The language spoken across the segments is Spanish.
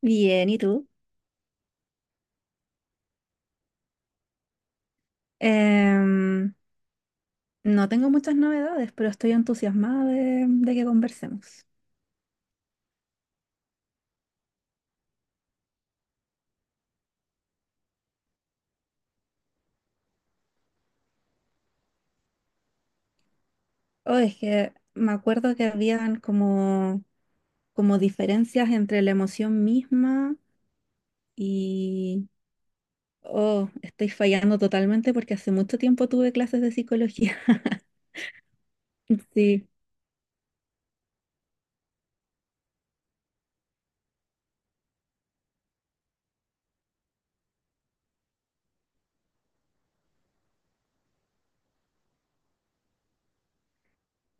Bien, ¿y tú? Em, no tengo muchas novedades, pero estoy entusiasmada de que conversemos. Oh, es que me acuerdo que habían como diferencias entre la emoción misma y... Oh, estoy fallando totalmente porque hace mucho tiempo tuve clases de psicología. Sí,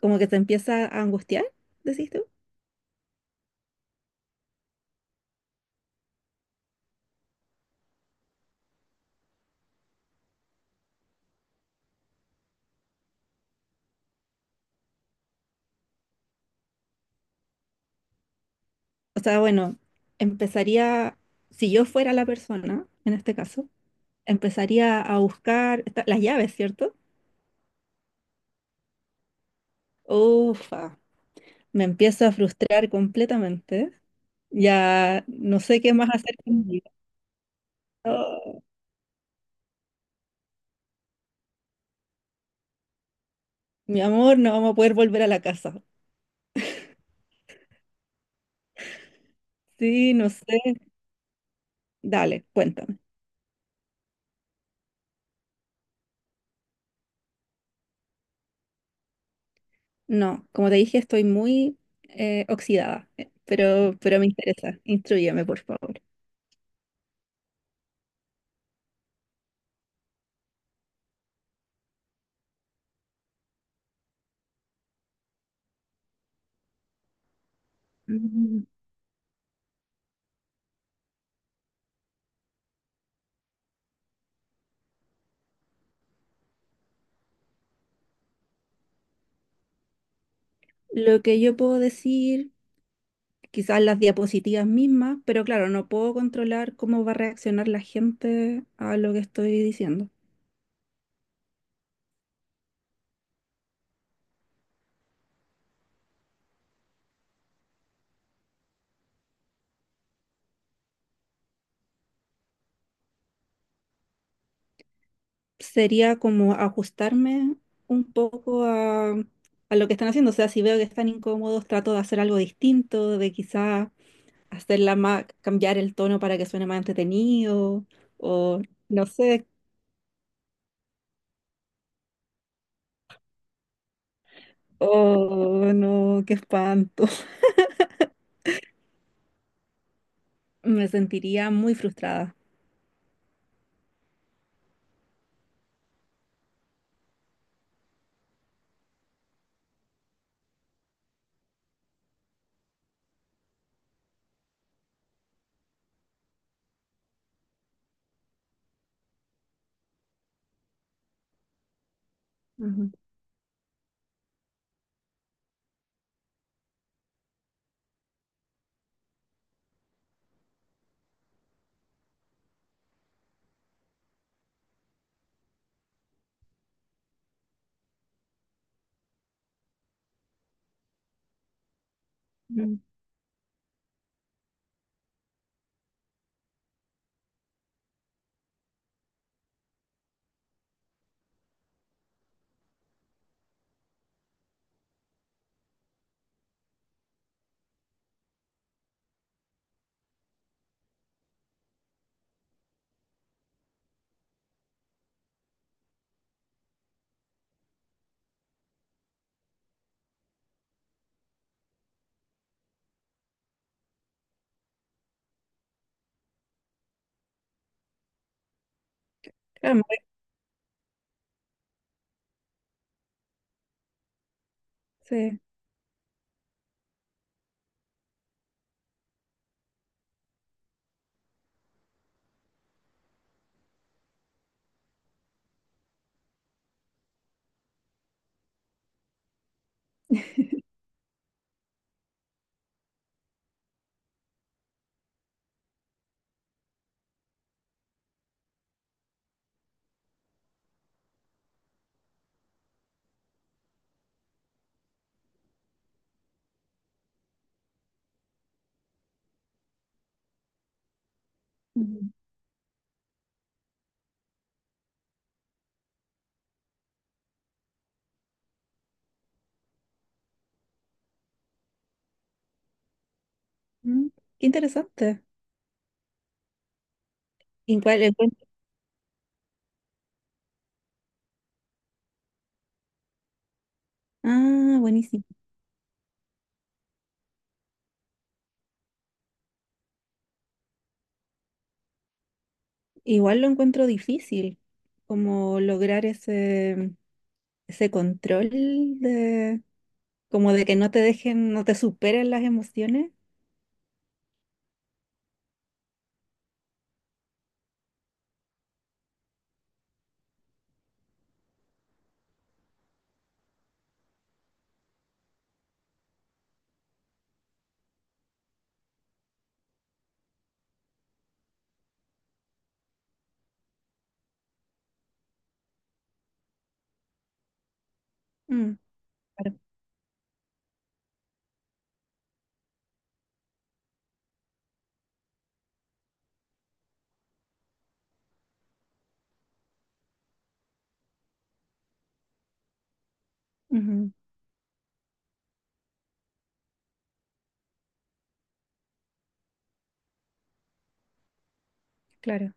como que te empieza a angustiar, decís tú. O sea, bueno, empezaría, si yo fuera la persona, en este caso. Empezaría a buscar las llaves, ¿cierto? Ufa, me empiezo a frustrar completamente. Ya no sé qué más hacer con mi vida. Oh, mi amor, no vamos a poder volver a la casa. Sí, no sé. Dale, cuéntame. No, como te dije, estoy muy oxidada, pero me interesa. Instrúyeme, por favor. Mm, lo que yo puedo decir quizás las diapositivas mismas, pero claro, no puedo controlar cómo va a reaccionar la gente a lo que estoy diciendo. Sería como ajustarme un poco a lo que están haciendo. O sea, si veo que están incómodos, trato de hacer algo distinto, de quizás hacerla más, cambiar el tono para que suene más entretenido, o no sé, oh no, qué espanto. Me sentiría muy frustrada. Ujú. Mm. Claro, me parece- Ujú. Mm, qué interesante. Igual lo encuentro- Ah, buenísimo. Igual lo encuentro difícil, como lograr ese control de, como de que no te dejen, no te superen las emociones. Mm, claro. Ujú, claro.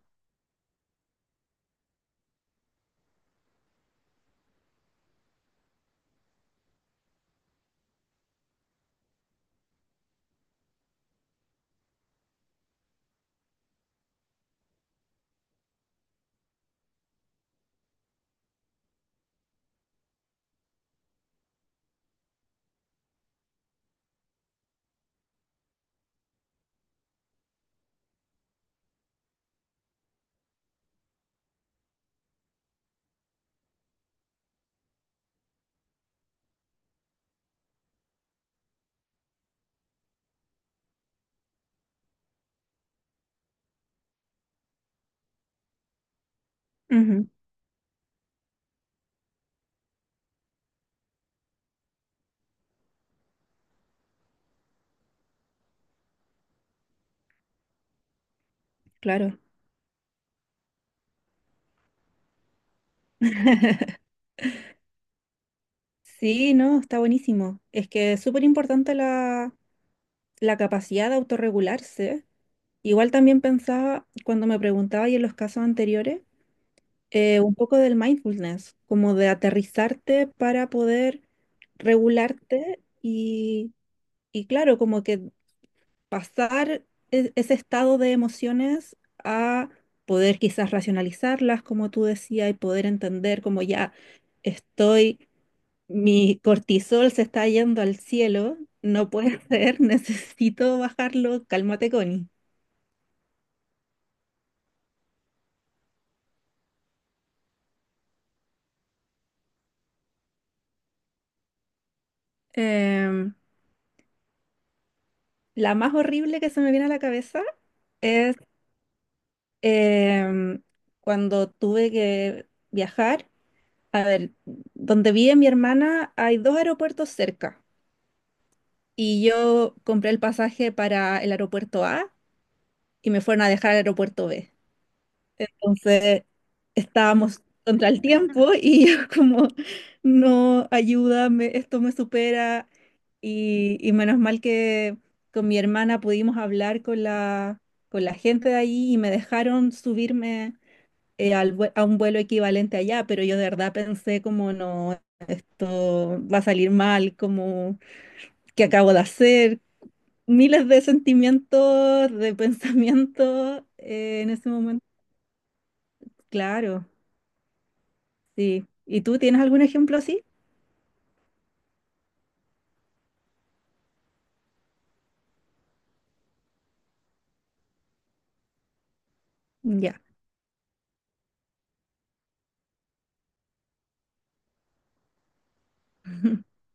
Ujú, claro. Sí, no, está buenísimo. Es que es súper importante la capacidad de autorregularse. Igual también pensaba, cuando me preguntaba y en los casos anteriores, un poco del mindfulness, como de aterrizarte para poder regularte y claro, como que pasar ese estado de emociones a poder quizás racionalizarlas, como tú decías, y poder entender como ya estoy, mi cortisol se está yendo al cielo, no puede ser, necesito bajarlo, cálmate, Connie. Em, la más horrible que se me viene a la cabeza es em, cuando tuve que viajar, a ver, donde vive mi hermana hay dos aeropuertos cerca y yo compré el pasaje para el aeropuerto A y me fueron a dejar al aeropuerto B. Entonces estábamos contra el tiempo y yo como, no, ayúdame, esto me supera y menos mal que con mi hermana pudimos hablar con con la gente de ahí y me dejaron subirme al a un vuelo equivalente allá, pero yo de verdad pensé como no, esto va a salir mal, como qué acabo de hacer, miles de sentimientos, de pensamientos en ese momento. Claro, sí. ¿Y tú tienes algún ejemplo así? Ya.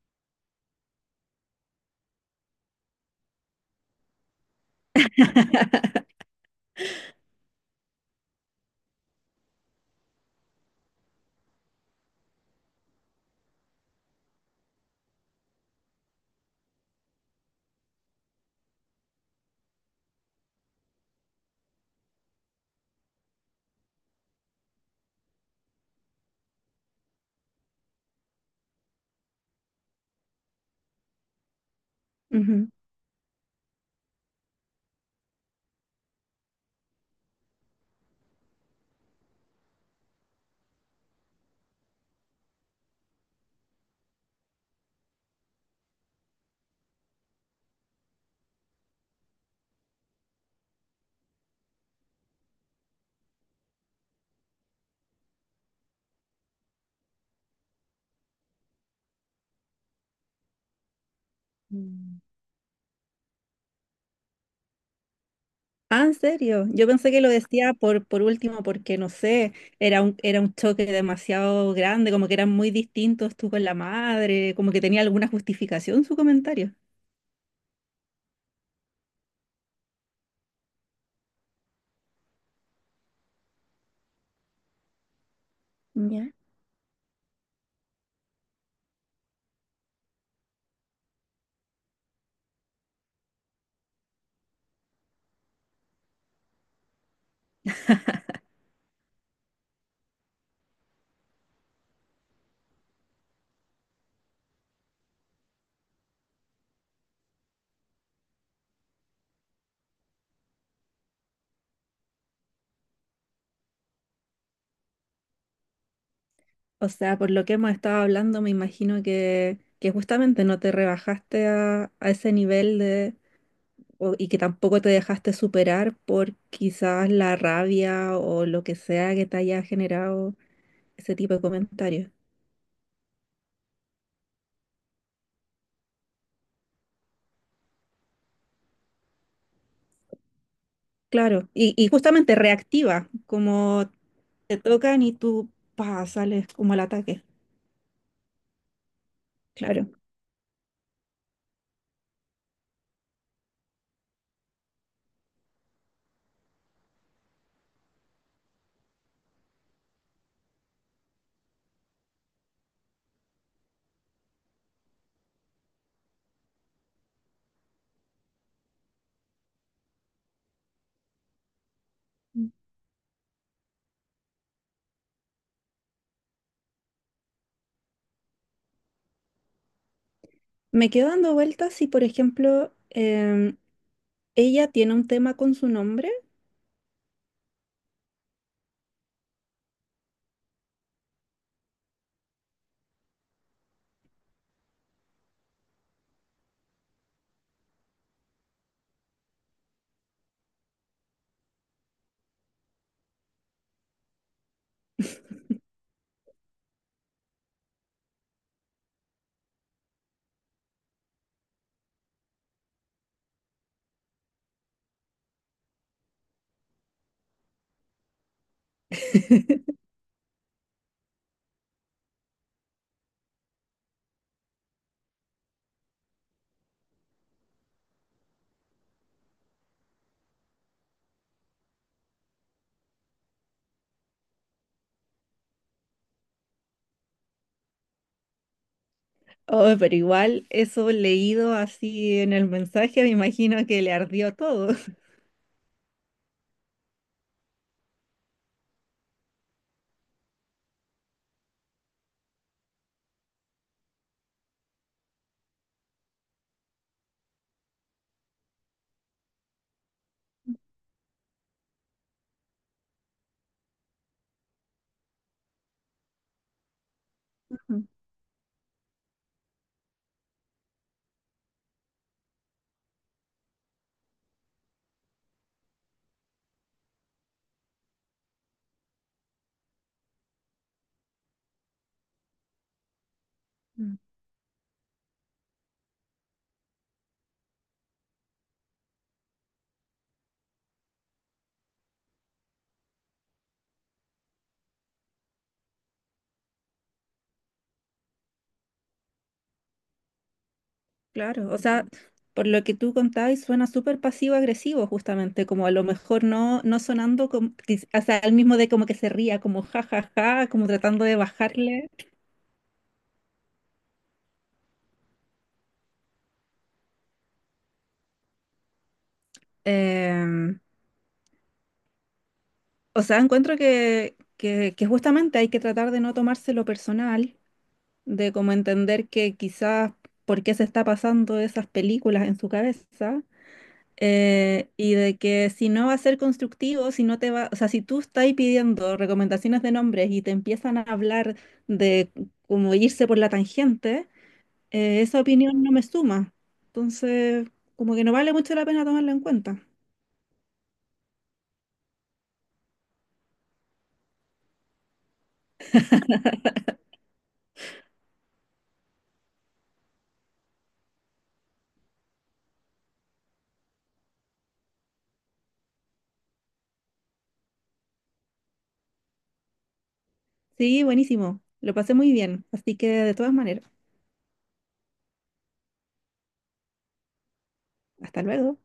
Ujú. Mm. Ah, ¿en serio? Yo pensé que lo decía por último porque, no sé, era era un choque demasiado grande, como que eran muy distintos tú con la madre, como que tenía alguna justificación su comentario. Ya. O sea, por lo que hemos estado hablando, me imagino que justamente no te rebajaste a ese nivel de, o- y que tampoco te dejaste superar por quizás la rabia o lo que sea que te haya generado ese tipo de comentarios. Claro, y justamente reactiva, como te tocan y tú pa, sales como al ataque. Claro. Me quedo dando vueltas si, por ejemplo, ella tiene un tema con su nombre. Oh, pero igual eso leído así en el mensaje, me imagino que le ardió todo. Ujú, ujú. Claro, o sea, por lo que tú contabas, suena súper pasivo-agresivo, justamente, como a lo mejor no, no sonando, como, quiz- o sea, el mismo de como que se ría, como ja, ja, ja, como tratando de bajarle. Em, o sea, encuentro que justamente hay que tratar de no tomárselo personal, de como entender que quizás por qué se está pasando esas películas en su cabeza. Y de que si no va a ser constructivo, si no te va, o sea, si tú estás pidiendo recomendaciones de nombres y te empiezan a hablar de como irse por la tangente, esa opinión no me suma. Entonces, como que no vale mucho la pena tomarla en cuenta. Sí, buenísimo. Lo pasé muy bien. Así que, de todas maneras, hasta luego.